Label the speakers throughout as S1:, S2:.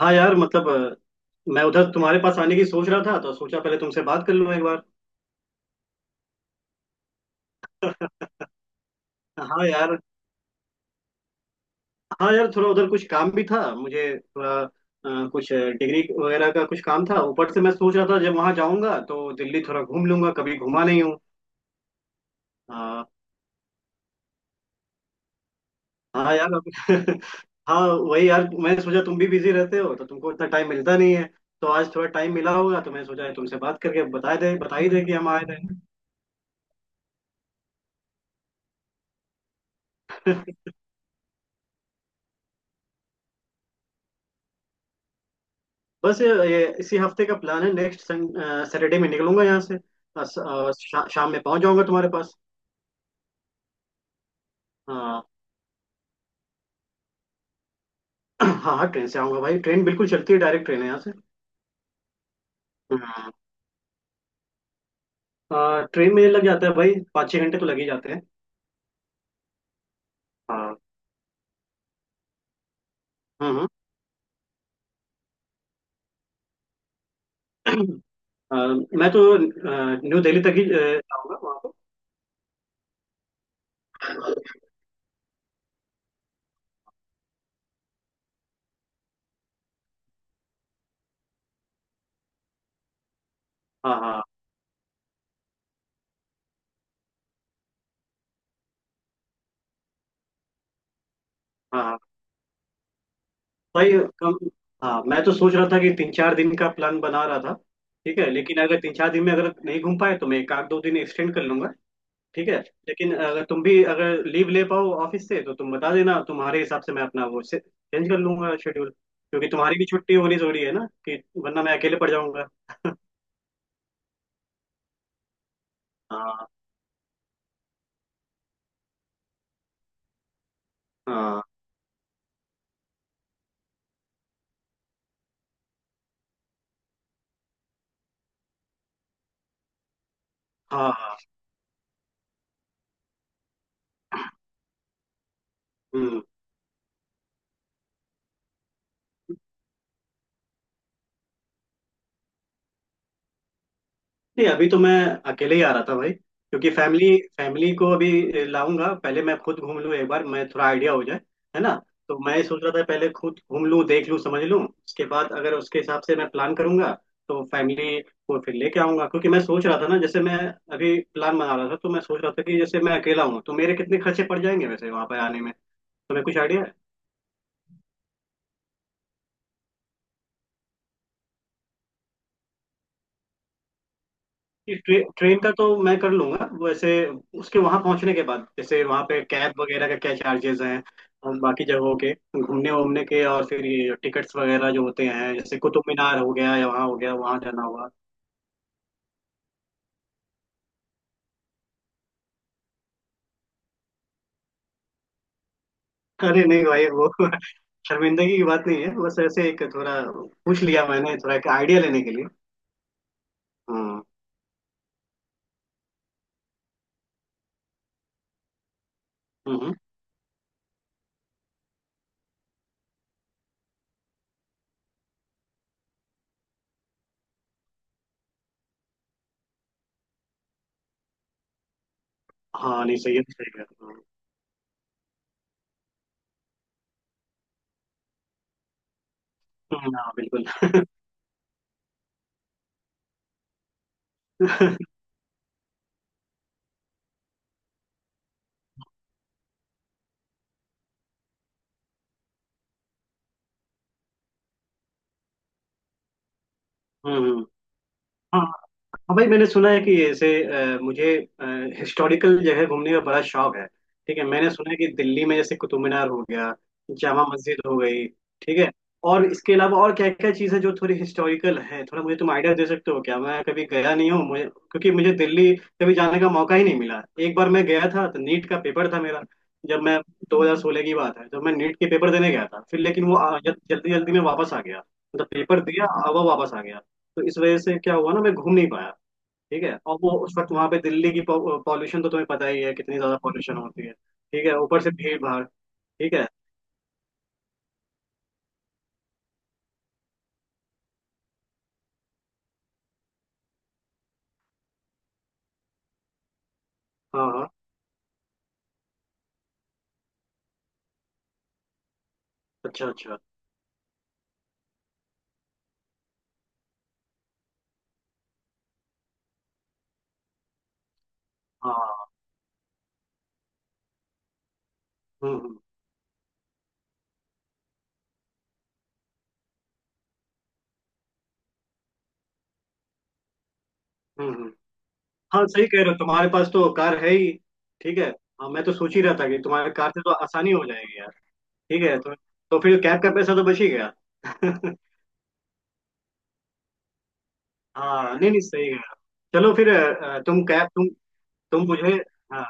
S1: हाँ यार मतलब मैं उधर तुम्हारे पास आने की सोच रहा था तो सोचा पहले तुमसे बात कर लूँ एक बार। हाँ यार। हाँ यार थोड़ा उधर कुछ काम भी था मुझे, थोड़ा कुछ डिग्री वगैरह का कुछ काम था। ऊपर से मैं सोच रहा था जब वहाँ जाऊँगा तो दिल्ली थोड़ा घूम लूंगा, कभी घूमा नहीं हूँ। हाँ। हाँ यार हाँ। वही यार, मैंने सोचा तुम भी बिजी रहते हो तो तुमको इतना टाइम मिलता नहीं है, तो आज थोड़ा टाइम मिला होगा तो मैं सोचा तुमसे बात करके बता दे, बता ही दे कि हम आए थे। बस ये इसी हफ्ते का प्लान है। नेक्स्ट सैटरडे में निकलूंगा यहाँ से। शाम में पहुंच जाऊंगा तुम्हारे पास। हाँ। हाँ हाँ, ट्रेन से आऊंगा भाई, ट्रेन बिल्कुल चलती है, डायरेक्ट ट्रेन है यहाँ से। हाँ। ट्रेन में लग जाता है भाई, पाँच छः घंटे तो लग ही जाते हैं। हाँ। हम्म। हम्म। अ, मैं तो न्यू दिल्ली तक ही जाऊंगा वहाँ पर। हाँ हाँ। हाँ हाँ। भाई कम। हाँ मैं तो सोच रहा था कि तीन चार दिन का प्लान बना रहा था। ठीक है, लेकिन अगर तीन चार दिन में अगर नहीं घूम पाए तो मैं एक आध दो दिन एक्सटेंड कर लूंगा। ठीक है, लेकिन अगर तुम भी अगर लीव ले पाओ ऑफिस से तो तुम बता देना, तुम्हारे हिसाब से मैं अपना वो चेंज कर लूंगा शेड्यूल, क्योंकि तुम्हारी भी छुट्टी होनी जरूरी है ना, कि वरना मैं अकेले पड़ जाऊंगा। हाँ हाँ। हाँ हाँ नहीं, अभी तो मैं अकेले ही आ रहा था भाई, क्योंकि फैमिली फैमिली को अभी लाऊंगा, पहले मैं खुद घूम लूँ एक बार, मैं थोड़ा आइडिया हो जाए। है ना। तो मैं सोच रहा था पहले खुद घूम लूँ देख लूँ समझ लूँ, उसके बाद अगर उसके हिसाब से मैं प्लान करूंगा, तो फैमिली को फिर लेके आऊंगा। क्योंकि मैं सोच रहा था ना, जैसे मैं अभी प्लान बना रहा था तो मैं सोच रहा था कि जैसे मैं अकेला हूँ तो मेरे कितने खर्चे पड़ जाएंगे वैसे वहां पर आने में, तुम्हें कुछ आइडिया है। ट्रेन का तो मैं कर लूंगा वैसे, उसके वहां पहुंचने के बाद जैसे वहां पे कैब वगैरह का क्या चार्जेस हैं और बाकी जगहों के घूमने वूमने के, और फिर ये टिकट्स वगैरह जो होते हैं, जैसे कुतुब मीनार हो गया या वहाँ हो गया, वहां जाना होगा। अरे नहीं भाई वो शर्मिंदगी की बात नहीं है, बस ऐसे एक थोड़ा पूछ लिया मैंने थोड़ा एक आइडिया लेने के लिए। हाँ। हम्म, हम्म। हाँ नहीं, सही है सही है। हाँ बिल्कुल। हम्म। हाँ हाँ भाई, मैंने सुना है कि ऐसे मुझे हिस्टोरिकल जगह घूमने का बड़ा शौक है। ठीक है, मैंने सुना है कि दिल्ली में जैसे कुतुब मीनार हो गया, जामा मस्जिद हो गई, ठीक है, और इसके अलावा और क्या क्या चीज़ है जो थोड़ी हिस्टोरिकल है, थोड़ा मुझे तुम आइडिया दे सकते हो क्या? मैं कभी गया नहीं हूँ, मुझे क्योंकि मुझे दिल्ली कभी जाने का मौका ही नहीं मिला। एक बार मैं गया था तो नीट का पेपर था मेरा, जब मैं 2016 की बात है, जब मैं नीट के पेपर देने गया था फिर, लेकिन वो जल्दी जल्दी में वापस आ गया। मतलब पेपर दिया, अब वो वापस आ गया। तो इस वजह से क्या हुआ ना, मैं घूम नहीं पाया। ठीक है, और वो उस वक्त वहां पे दिल्ली की पॉल्यूशन तो तुम्हें पता ही है कितनी ज्यादा पॉल्यूशन होती है, ठीक है, ऊपर से भीड़ भाड़। ठीक है। हाँ हाँ। अच्छा अच्छा। हाँ। हम्म। हम्म हम्म। हाँ सही कह रहे हो, तुम्हारे पास तो कार है ही। ठीक है, हाँ मैं तो सोच ही रहा था कि तुम्हारे कार से तो आसानी हो जाएगी यार। ठीक है। तो फिर कैब का पैसा तो बच ही गया। हाँ, नहीं नहीं सही है। चलो फिर तुम कैब तुम मुझे हाँ।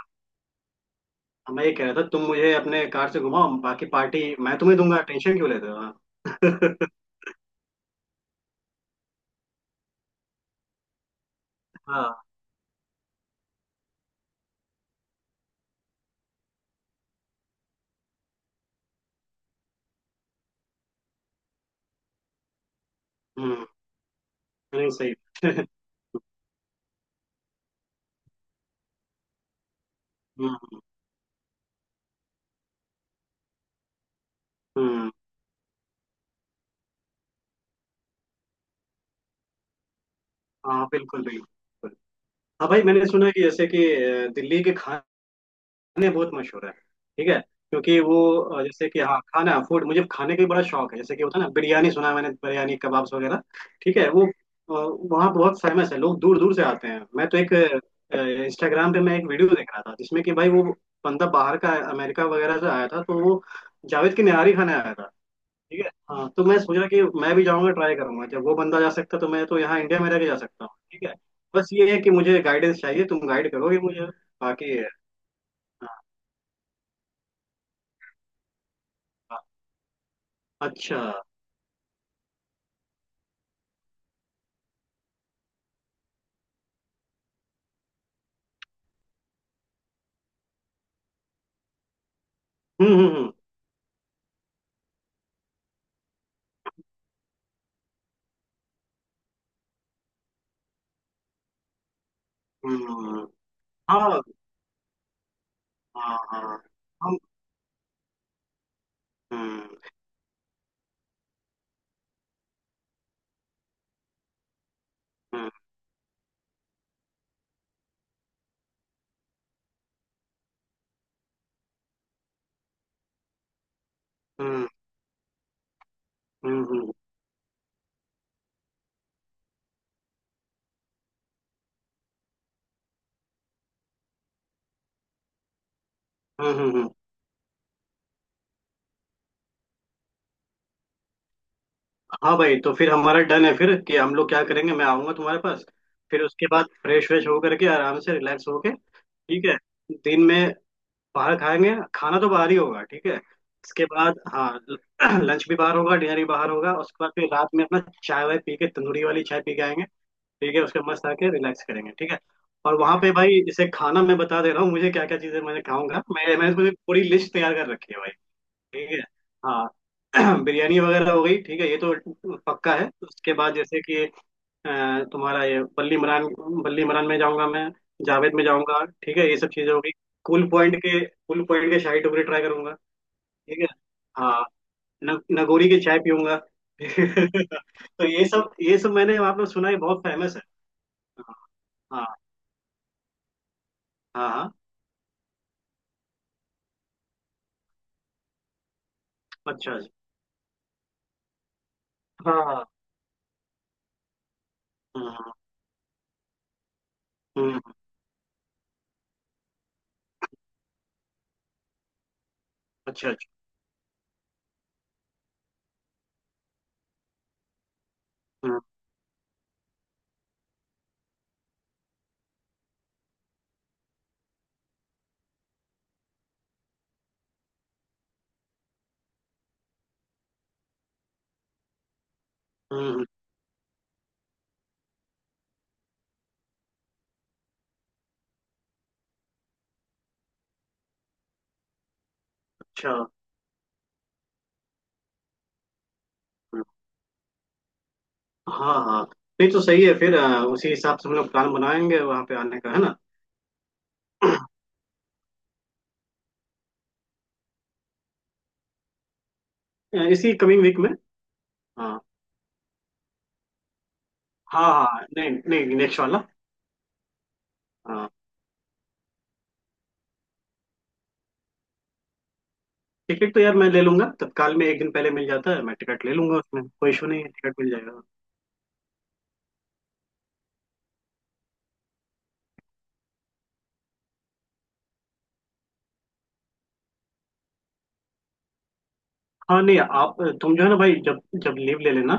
S1: मैं ये कह रहा था, तुम मुझे अपने कार से घुमाओ, बाकी पार्टी मैं तुम्हें दूंगा, टेंशन क्यों लेते हो। हाँ। हाँ। हम्म। नहीं सही। हम्म हम्म। हाँ बिल्कुल बिल्कुल। हाँ भाई मैंने सुना कि जैसे कि दिल्ली के खाने, खाने बहुत मशहूर है। ठीक है, क्योंकि वो जैसे कि, हाँ, खाना फूड मुझे खाने का भी बड़ा शौक है, जैसे कि होता है ना बिरयानी, सुना है मैंने, बिरयानी कबाब्स वगैरह। ठीक है, वो वहाँ बहुत फेमस है, लोग दूर दूर से आते हैं। मैं तो एक इंस्टाग्राम पे मैं एक वीडियो देख रहा था, जिसमें कि भाई वो बंदा बाहर का, अमेरिका वगैरह से आया था, तो वो जावेद की निहारी खाने आया था। ठीक है, हाँ तो मैं सोच रहा कि मैं भी जाऊँगा, ट्राई करूंगा, जब वो बंदा जा सकता तो मैं तो यहाँ इंडिया में रह के जा सकता हूँ। ठीक है, बस ये है कि मुझे गाइडेंस चाहिए, तुम गाइड करोगे मुझे बाकी। हाँ। अच्छा। हम्म। हम्म, हम्म, हाँ हाँ। हाँ। हम। हम्म हम्म हम्म हम्म। हम्म, हम्म, हम्म। हाँ भाई तो फिर हमारा डन है फिर कि हम लोग क्या करेंगे, मैं आऊंगा तुम्हारे पास, फिर उसके बाद फ्रेश व्रेश होकर के आराम से रिलैक्स होके, ठीक है। दिन में बाहर खाएंगे, खाना तो बाहर ही होगा, ठीक है। उसके बाद, हाँ, लंच भी बाहर होगा, डिनर भी बाहर होगा, उसके बाद फिर रात में अपना चाय वाय पी के, तंदूरी वाली चाय पी के आएंगे। ठीक है, उसके मस्त आके रिलैक्स करेंगे, ठीक है। और वहां पे भाई इसे खाना मैं बता दे रहा हूँ मुझे क्या क्या चीजें मैं खाऊंगा, मैंने पूरी पूरी लिस्ट तैयार कर रखी है भाई। ठीक है। हाँ बिरयानी वगैरह हो गई, ठीक है, ये तो पक्का है। उसके बाद जैसे कि तुम्हारा ये बल्ली मरान, बल्ली मरान में जाऊंगा मैं, जावेद में जाऊंगा, ठीक है, ये सब चीजें हो गई। कूल पॉइंट के, कूल पॉइंट के शाही टुकड़े ट्राई करूंगा, ठीक है। हाँ। न, नगोरी की चाय पीऊंगा। तो ये सब, ये सब मैंने आपने सुना है, बहुत फेमस है। हाँ। हाँ। हाँ हाँ। अच्छा जी। हाँ हाँ। हम्म, हम्म, अच्छा अच्छा। हम्म हम्म, अच्छा। हम्म, हाँ हाँ। नहीं तो सही है, फिर उसी हिसाब से हम लोग प्लान बनाएंगे वहाँ पे आने का, है ना। इसी कमिंग वीक में। हाँ। हाँ हाँ, नहीं नहीं, नेक्स्ट वाला। हाँ। टिकट तो यार मैं ले लूंगा, तत्काल में एक दिन पहले मिल जाता है, मैं टिकट ले लूंगा, उसमें कोई इशू नहीं है, टिकट मिल जाएगा। हाँ नहीं आप, तुम जो है ना भाई, जब जब लीव ले लेना,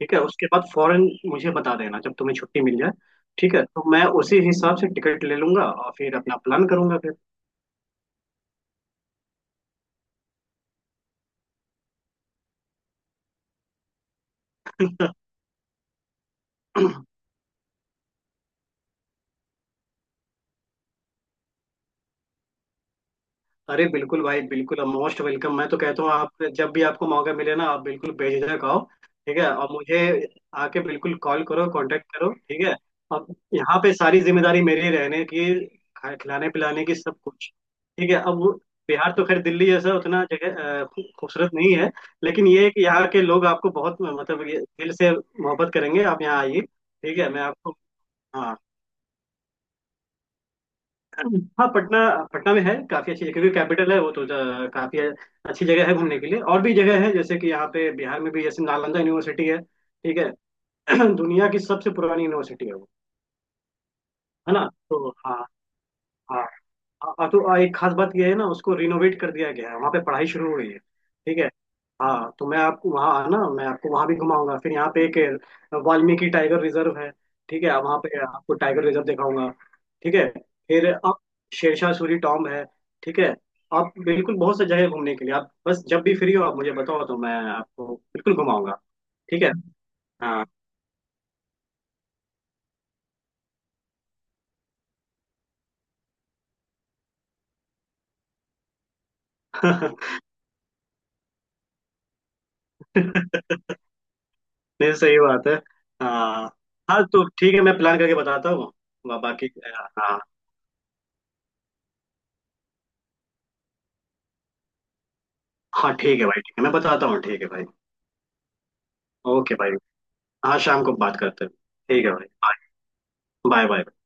S1: ठीक है, उसके बाद फौरन मुझे बता देना जब तुम्हें छुट्टी मिल जाए। ठीक है, तो मैं उसी हिसाब से टिकट ले लूंगा और फिर अपना प्लान करूंगा फिर। अरे बिल्कुल भाई बिल्कुल, मोस्ट वेलकम, मैं तो कहता हूँ आप जब भी आपको मौका मिले ना, आप बिल्कुल बेझिझक आओ। ठीक है, और मुझे आके बिल्कुल कॉल करो, कांटेक्ट करो, ठीक है। अब यहाँ पे सारी जिम्मेदारी मेरी रहने की, खिलाने पिलाने की, सब कुछ, ठीक है, बिहार तो खैर दिल्ली जैसा उतना जगह खूबसूरत नहीं है, लेकिन ये है कि यहाँ के लोग आपको बहुत मतलब ये दिल से मोहब्बत करेंगे, आप यहाँ आइए, ठीक है, मैं आपको। हाँ। हाँ पटना, पटना में है काफी अच्छी, क्योंकि कैपिटल है वो तो, काफी अच्छी जगह है घूमने के लिए, और भी जगह है जैसे कि यहाँ पे बिहार में भी, जैसे नालंदा यूनिवर्सिटी है, ठीक है। दुनिया की सबसे पुरानी यूनिवर्सिटी है वो, है ना। तो हाँ। हाँ हाँ और तो एक खास बात यह है ना, उसको रिनोवेट कर दिया गया है, वहाँ पे पढ़ाई शुरू हुई है, ठीक है। हाँ तो मैं आपको वहाँ आना, मैं आपको वहाँ भी घुमाऊंगा, फिर यहाँ पे एक वाल्मीकि टाइगर रिजर्व है, ठीक है, वहाँ पे आपको टाइगर रिजर्व दिखाऊंगा, ठीक है। फिर आप, शेरशाह सूरी टॉम है, ठीक है, आप बिल्कुल, बहुत से जगह है घूमने के लिए, आप बस जब भी फ्री हो आप मुझे बताओ तो मैं आपको बिल्कुल घुमाऊंगा, ठीक है। हाँ। नहीं सही बात है। हाँ। हाँ तो ठीक है, मैं प्लान करके बताता हूँ बाकी। हाँ। हाँ ठीक है भाई, ठीक है मैं बताता हूँ, ठीक है भाई। ओके भाई। हाँ शाम को बात करते हैं, ठीक है भाई, बाय। Bye bye.